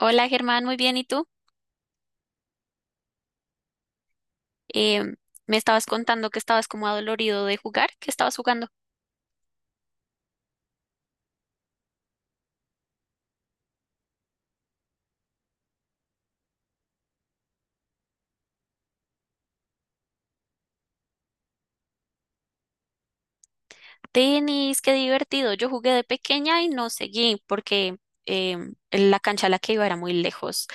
Hola Germán, muy bien, ¿y tú? Em, me estabas contando que estabas como adolorido de jugar, que estabas jugando tenis, qué divertido. Yo jugué de pequeña y no seguí porque la cancha a la que iba era muy lejos.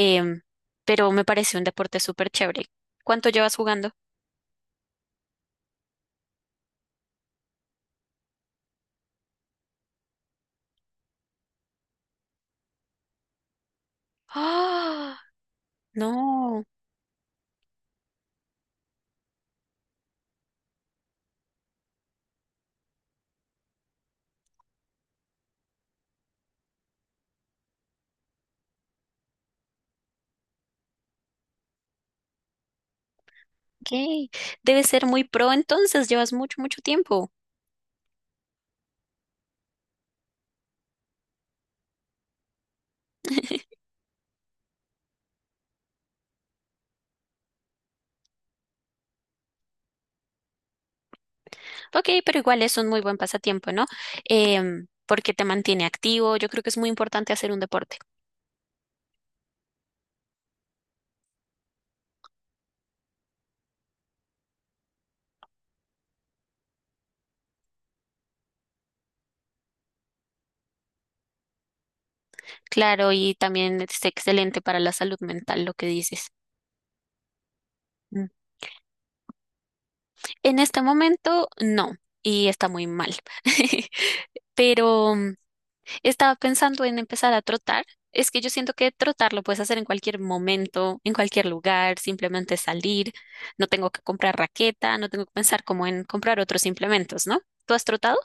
Em, pero me pareció un deporte súper chévere. ¿Cuánto llevas jugando? ¡Ah! No, ok. Debe ser muy pro entonces, llevas mucho, mucho tiempo. Ok, pero igual es un muy buen pasatiempo, ¿no? Porque te mantiene activo, yo creo que es muy importante hacer un deporte. Claro, y también es excelente para la salud mental lo que dices. Mm. En este momento, no, y está muy mal. Pero estaba pensando en empezar a trotar. Es que yo siento que trotar lo puedes hacer en cualquier momento, en cualquier lugar, simplemente salir. No tengo que comprar raqueta, no tengo que pensar como en comprar otros implementos, ¿no? ¿Tú has trotado?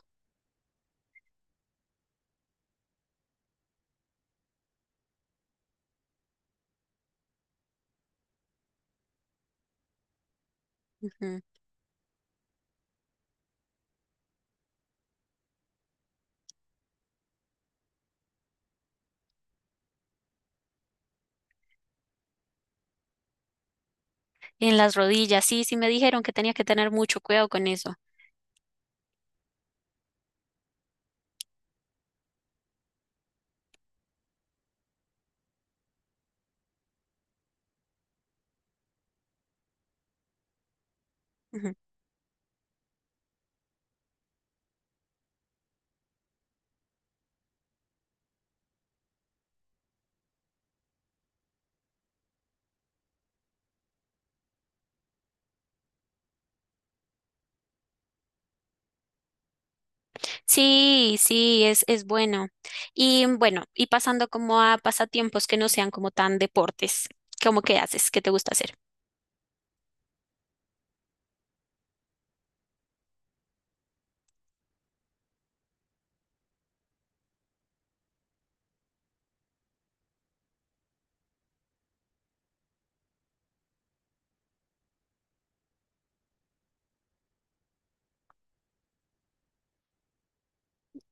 Ujú. En las rodillas, sí, sí me dijeron que tenía que tener mucho cuidado con eso. Sí, sí, es bueno. Y bueno, y pasando como a pasatiempos que no sean como tan deportes, ¿cómo que haces? ¿Qué te gusta hacer?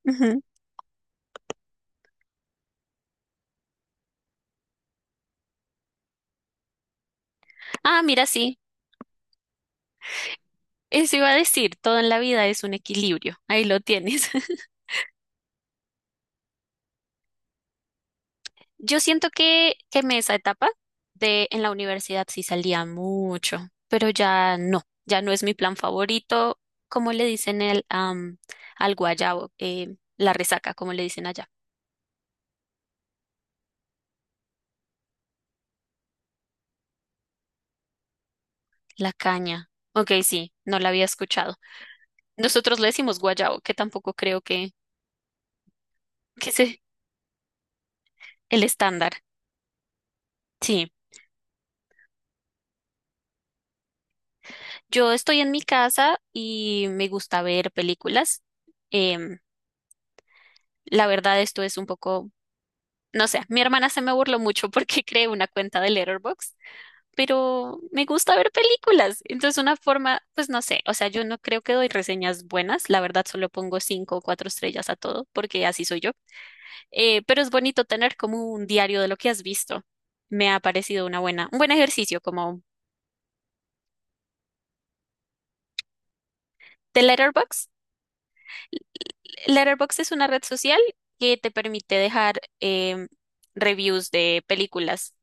Ujú. Ah, mira, sí, eso iba a decir, todo en la vida es un equilibrio, ahí lo tienes. Yo siento que quemé esa etapa de en la universidad sí salía mucho, pero ya no, ya no es mi plan favorito, como le dicen al guayabo, la resaca, como le dicen allá, la caña. Ok, sí, no la había escuchado. Nosotros le decimos guayabo, que tampoco creo que sea el estándar. Sí, yo estoy en mi casa y me gusta ver películas. Em, la verdad, esto es un poco, no sé, mi hermana se me burló mucho porque creé una cuenta de Letterboxd, pero me gusta ver películas. Entonces, una forma, pues no sé, o sea, yo no creo que doy reseñas buenas, la verdad, solo pongo cinco o cuatro estrellas a todo, porque así soy yo. Pero es bonito tener como un diario de lo que has visto. Me ha parecido un buen ejercicio como de Letterboxd. Letterboxd es una red social que te permite dejar reviews de películas,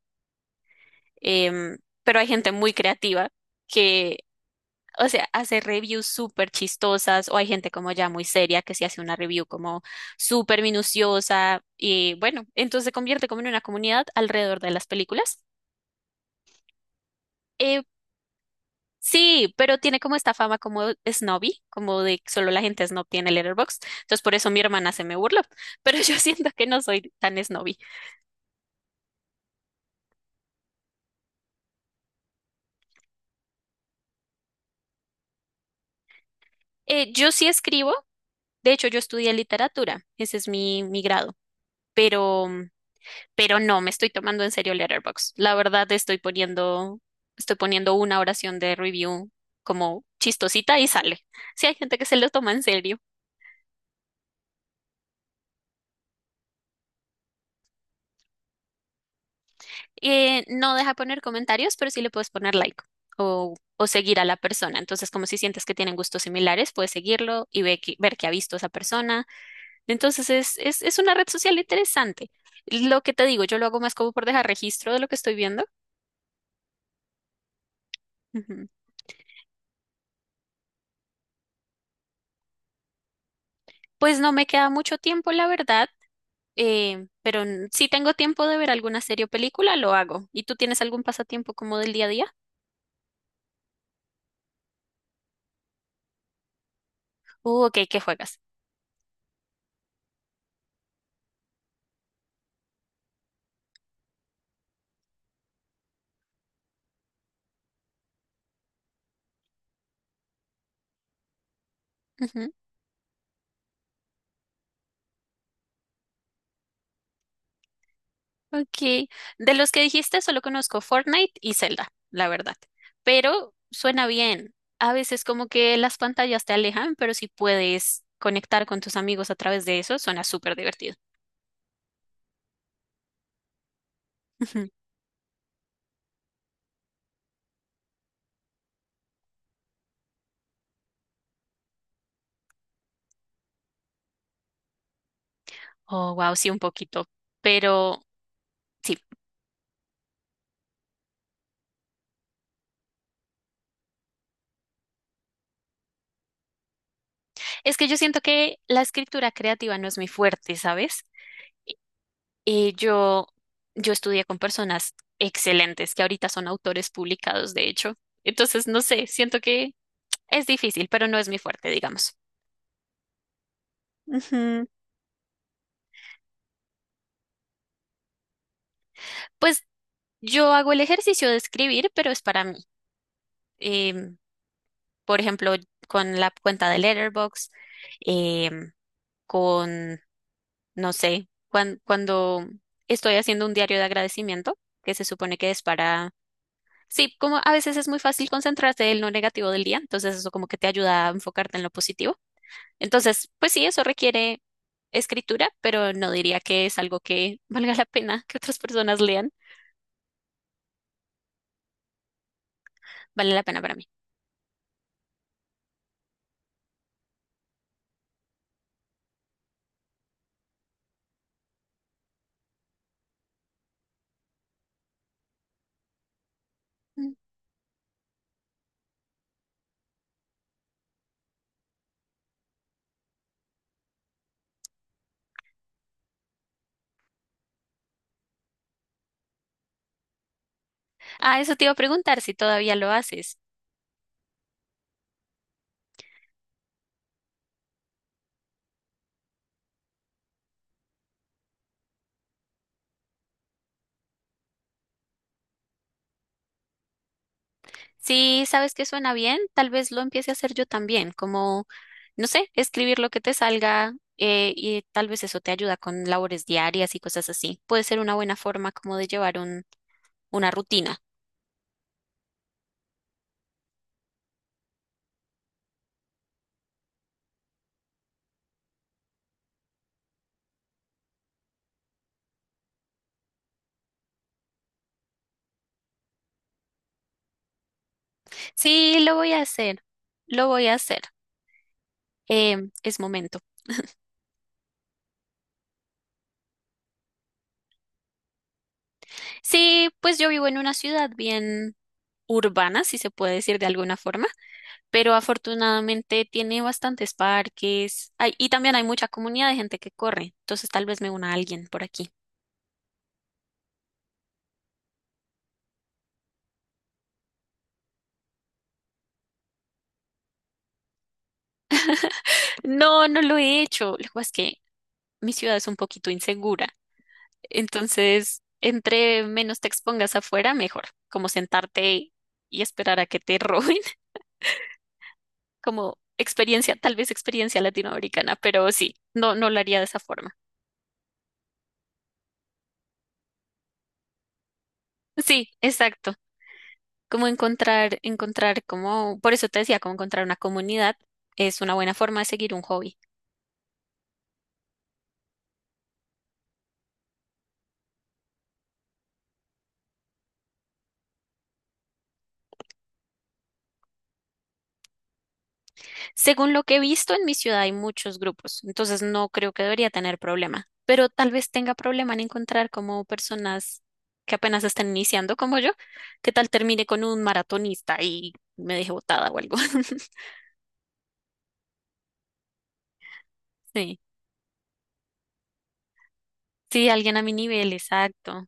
em, pero hay gente muy creativa que, o sea, hace reviews súper chistosas o hay gente como ya muy seria que sí hace una review como súper minuciosa y bueno, entonces se convierte como en una comunidad alrededor de las películas. Eh, Sí, pero tiene como esta fama como snobby, como de que solo la gente snob tiene Letterboxd. Entonces por eso mi hermana se me burló, pero yo siento que no soy tan snobby. Yo sí escribo, de hecho yo estudié literatura, ese es mi, grado, pero, pero no, me estoy tomando en serio Letterboxd. La verdad estoy poniendo una oración de review como chistosita y sale. Sí hay gente que se lo toma en serio. No deja poner comentarios, pero sí le puedes poner like o seguir a la persona. Entonces, como si sientes que tienen gustos similares, puedes seguirlo y ver que ha visto a esa persona. Entonces, es una red social interesante. Lo que te digo, yo lo hago más como por dejar registro de lo que estoy viendo. Ujú. Pues no me queda mucho tiempo, la verdad, pero si tengo tiempo de ver alguna serie o película, lo hago. ¿Y tú tienes algún pasatiempo como del día a día? Ok, ¿qué juegas? Ujú. Ok, de los que dijiste solo conozco Fortnite y Zelda, la verdad. Pero suena bien. A veces como que las pantallas te alejan, pero si puedes conectar con tus amigos a través de eso, suena súper divertido. Ujú. Oh, wow, sí, un poquito. Pero sí, es que yo siento que la escritura creativa no es mi fuerte, ¿sabes? Y yo estudié con personas excelentes que ahorita son autores publicados, de hecho. Entonces, no sé, siento que es difícil, pero no es mi fuerte, digamos. Ujú. Pues yo hago el ejercicio de escribir, pero es para mí. Em, por ejemplo, con la cuenta de Letterboxd, em, con, no sé, cuando estoy haciendo un diario de agradecimiento, que se supone que es para... Sí, como a veces es muy fácil concentrarte en lo negativo del día, entonces eso como que te ayuda a enfocarte en lo positivo. Entonces, pues sí, eso requiere escritura, pero no diría que es algo que valga la pena que otras personas lean. Vale la pena para mí. Ah, eso te iba a preguntar si todavía lo haces. Si sabes que suena bien, tal vez lo empiece a hacer yo también, como, no sé, escribir lo que te salga y tal vez eso te ayuda con labores diarias y cosas así. Puede ser una buena forma como de llevar un, una rutina. Sí, lo voy a hacer, lo voy a hacer. Eh, es momento. Sí, pues yo vivo en una ciudad bien urbana, si se puede decir de alguna forma. Pero afortunadamente tiene bastantes parques y también hay mucha comunidad de gente que corre, entonces tal vez me una a alguien por aquí. No, no lo he hecho, lo que pasa es que mi ciudad es un poquito insegura, entonces entre menos te expongas afuera, mejor, como sentarte y esperar a que te roben, como experiencia, tal vez experiencia latinoamericana, pero sí, no, no lo haría de esa forma. Sí, exacto. Como encontrar como, por eso te decía, como encontrar una comunidad es una buena forma de seguir un hobby. Según lo que he visto en mi ciudad hay muchos grupos, entonces no creo que debería tener problema, pero tal vez tenga problema en encontrar como personas que apenas están iniciando como yo, que tal termine con un maratonista y me deje botada o algo. Sí, sí, alguien a mi nivel, exacto.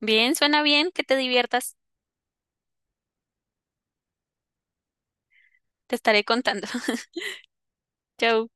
Bien, suena bien, que te diviertas, te estaré contando. Chau.